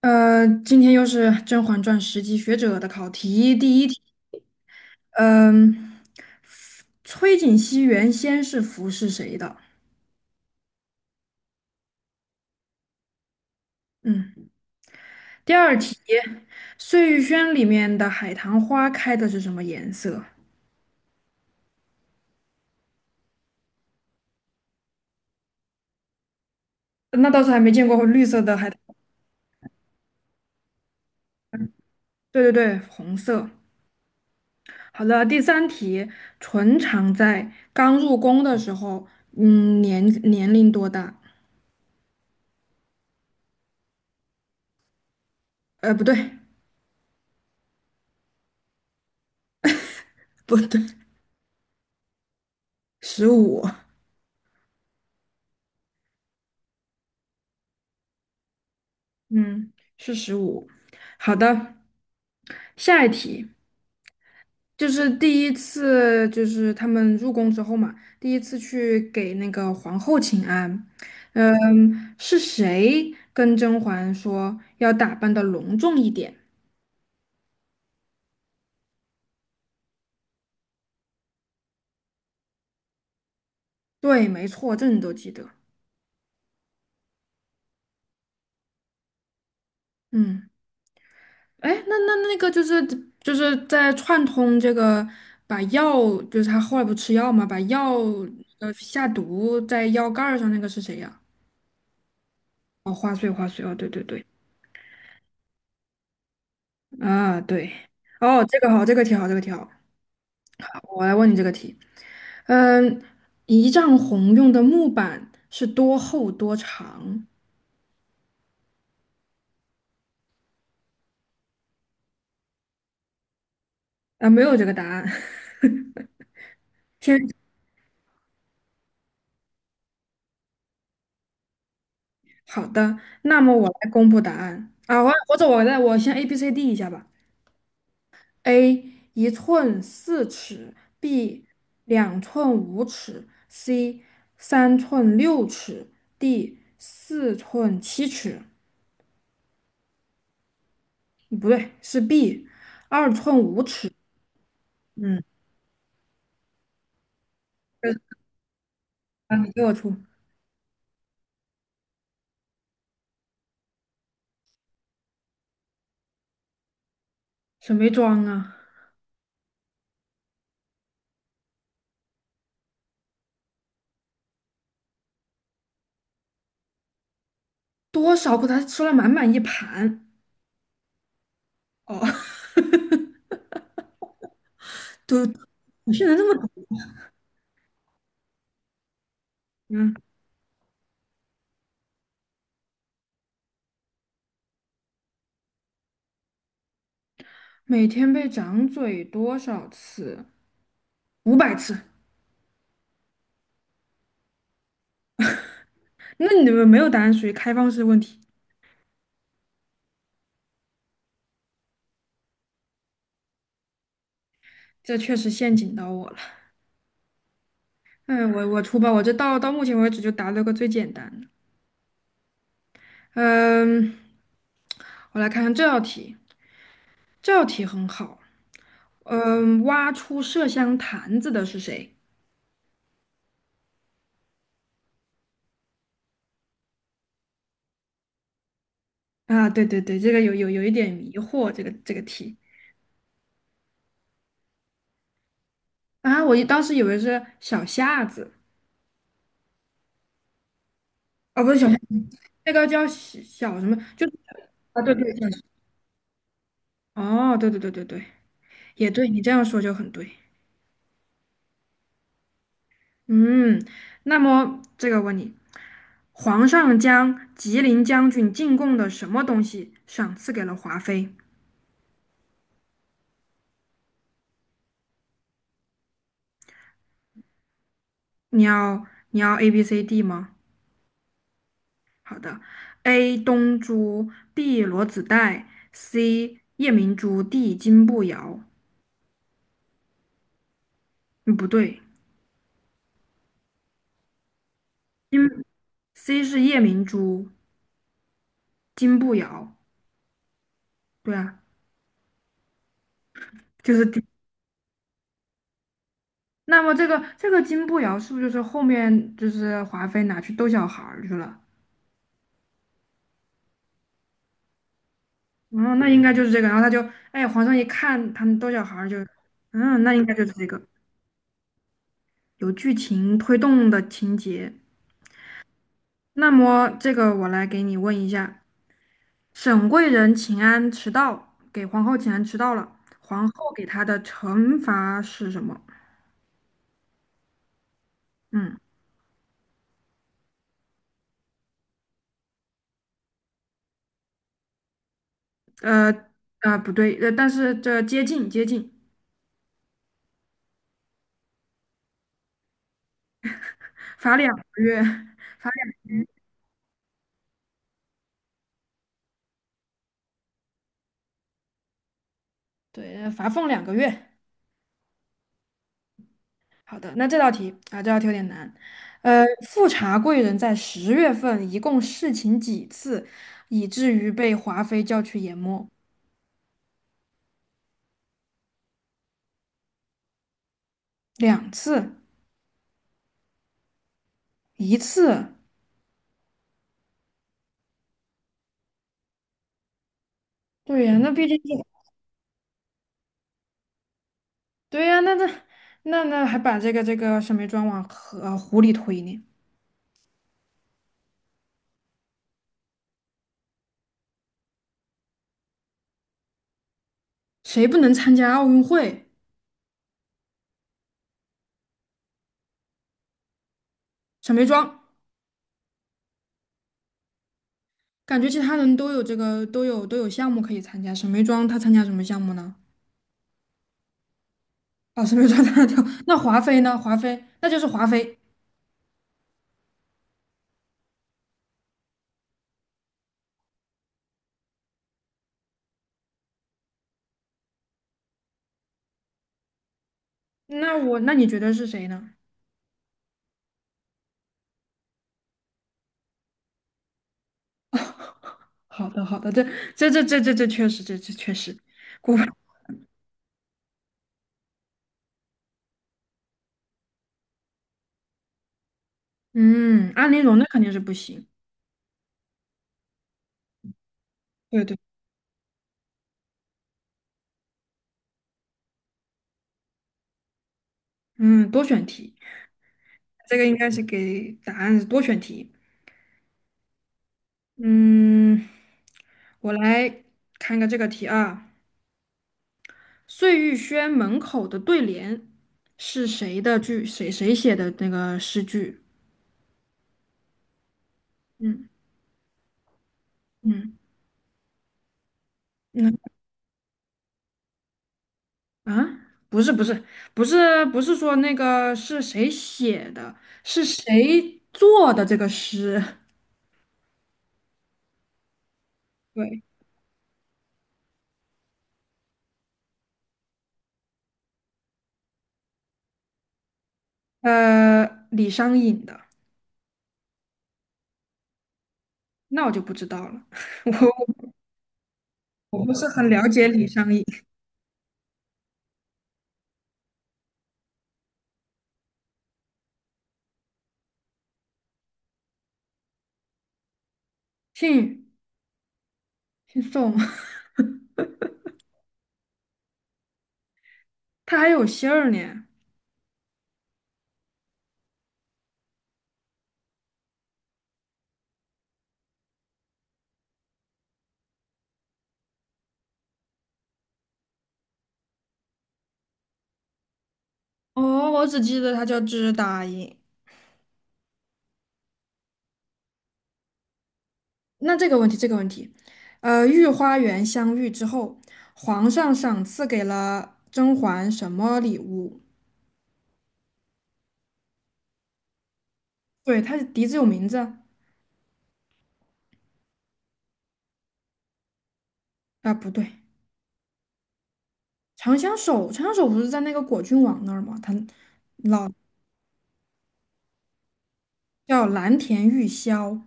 今天又是《甄嬛传》10级学者的考题。第一题，嗯，崔槿汐原先是服侍谁的？嗯，第二题，碎玉轩里面的海棠花开的是什么颜色？那倒是还没见过绿色的海棠。对对对，红色。好了，第三题，纯常在刚入宫的时候，嗯，年龄多大？不对，不对，十五。嗯，是十五。好的，下一题就是第一次，就是他们入宫之后嘛，第一次去给那个皇后请安。嗯，是谁跟甄嬛说要打扮的隆重一点？对，没错，这你都记得。嗯，哎，那个就是在串通这个，把药，就是他后来不吃药嘛，把药下毒在药盖儿上那个是谁呀？哦，花穗，花穗，哦，对对对。啊，对，哦，这个好，这个题好，这个题好，我来问你这个题。嗯，一丈红用的木板是多厚多长？啊，没有这个答案。好的，那么我来公布答案啊，我或者我来，我先 A B C D 一下吧。A 1寸4尺，B 2寸5尺，C 3寸6尺，D 4寸7尺。不对，是 B 2寸5尺。嗯。啊，你给我出什么装啊？多少口他吃了满满一盘。哦，都你现在这么多。嗯，每天被掌嘴多少次？500次。那你们没有答案，属于开放式问题，这确实陷阱到我了。嗯，我出吧，我这到目前为止就答了个最简单的。嗯，我来看看这道题，这道题很好。嗯，挖出麝香坛子的是谁？啊，对对对，这个有一点迷惑，这个题。啊，我一当时以为是小夏子。哦，不是小夏，那个叫小什么，就是啊，对对对，哦，对对对对对，也对，你这样说就很对。嗯，那么这个问你，皇上将吉林将军进贡的什么东西赏赐给了华妃？你要你要 A B C D 吗？好的，A 东珠，B 罗子带，C 夜明珠，D 金步摇。嗯，不对，金 C 是夜明珠。金步摇，对啊，就是金那么这个金步摇是不是就是后面就是华妃拿去逗小孩儿去了？然后那应该就是这个。然后他就，哎，皇上一看他们逗小孩儿就，嗯，那应该就是这个有剧情推动的情节。那么这个我来给你问一下，沈贵人请安迟到，给皇后请安迟到了，皇后给她的惩罚是什么？嗯，呃不对，但是这接近接近，罚两个月。罚。对，罚俸两个月。好的，那这道题啊，这道题有点难。富察贵人在10月份一共侍寝几次，以至于被华妃叫去研墨？2次，一次。对呀，那毕竟是，对呀，那还把这个沈眉庄往河湖里推呢？谁不能参加奥运会？沈眉庄，感觉其他人都有这个都有项目可以参加，沈眉庄她参加什么项目呢？哦，沈眉庄她跳。那华妃呢？华妃那就是华妃。那我那你觉得是谁呢？好的，好的，这这确实，这确实，嗯，安陵容那肯定是不行。对对，嗯，多选题，这个应该是给答案是多选题。嗯，我来看个这个题啊，碎玉轩门口的对联是谁的句？谁写的那个诗句？嗯嗯，那啊，不是不是不是不是说那个是谁写的，是谁做的这个诗？对，呃，李商隐的，那我就不知道了，我不是很了解李商隐，姓姓宋，他还有姓儿呢。哦，我只记得他叫支答应。那这个问题，这个问题，御花园相遇之后，皇上赏赐给了甄嬛什么礼物？对，他的笛子有名字啊，啊不对。长相守，长相守不是在那个果郡王那儿吗？他叫蓝田玉箫，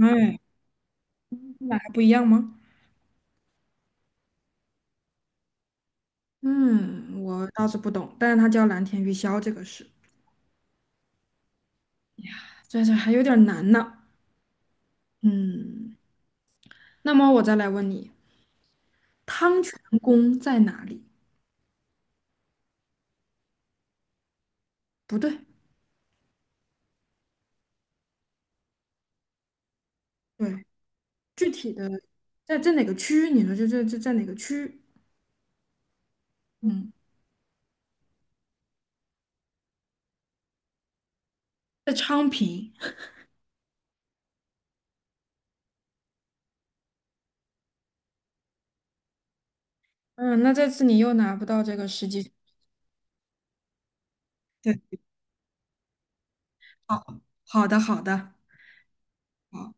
哎，那还不一样吗？嗯，我倒是不懂，但是他叫蓝田玉箫这个是，这还有点难呢。嗯，那么我再来问你，汤泉宫在哪里？不对，对，具体的在哪个区？你说这在哪个区？嗯，在昌平。嗯，那这次你又拿不到这个实际。对，好，好的，好的。好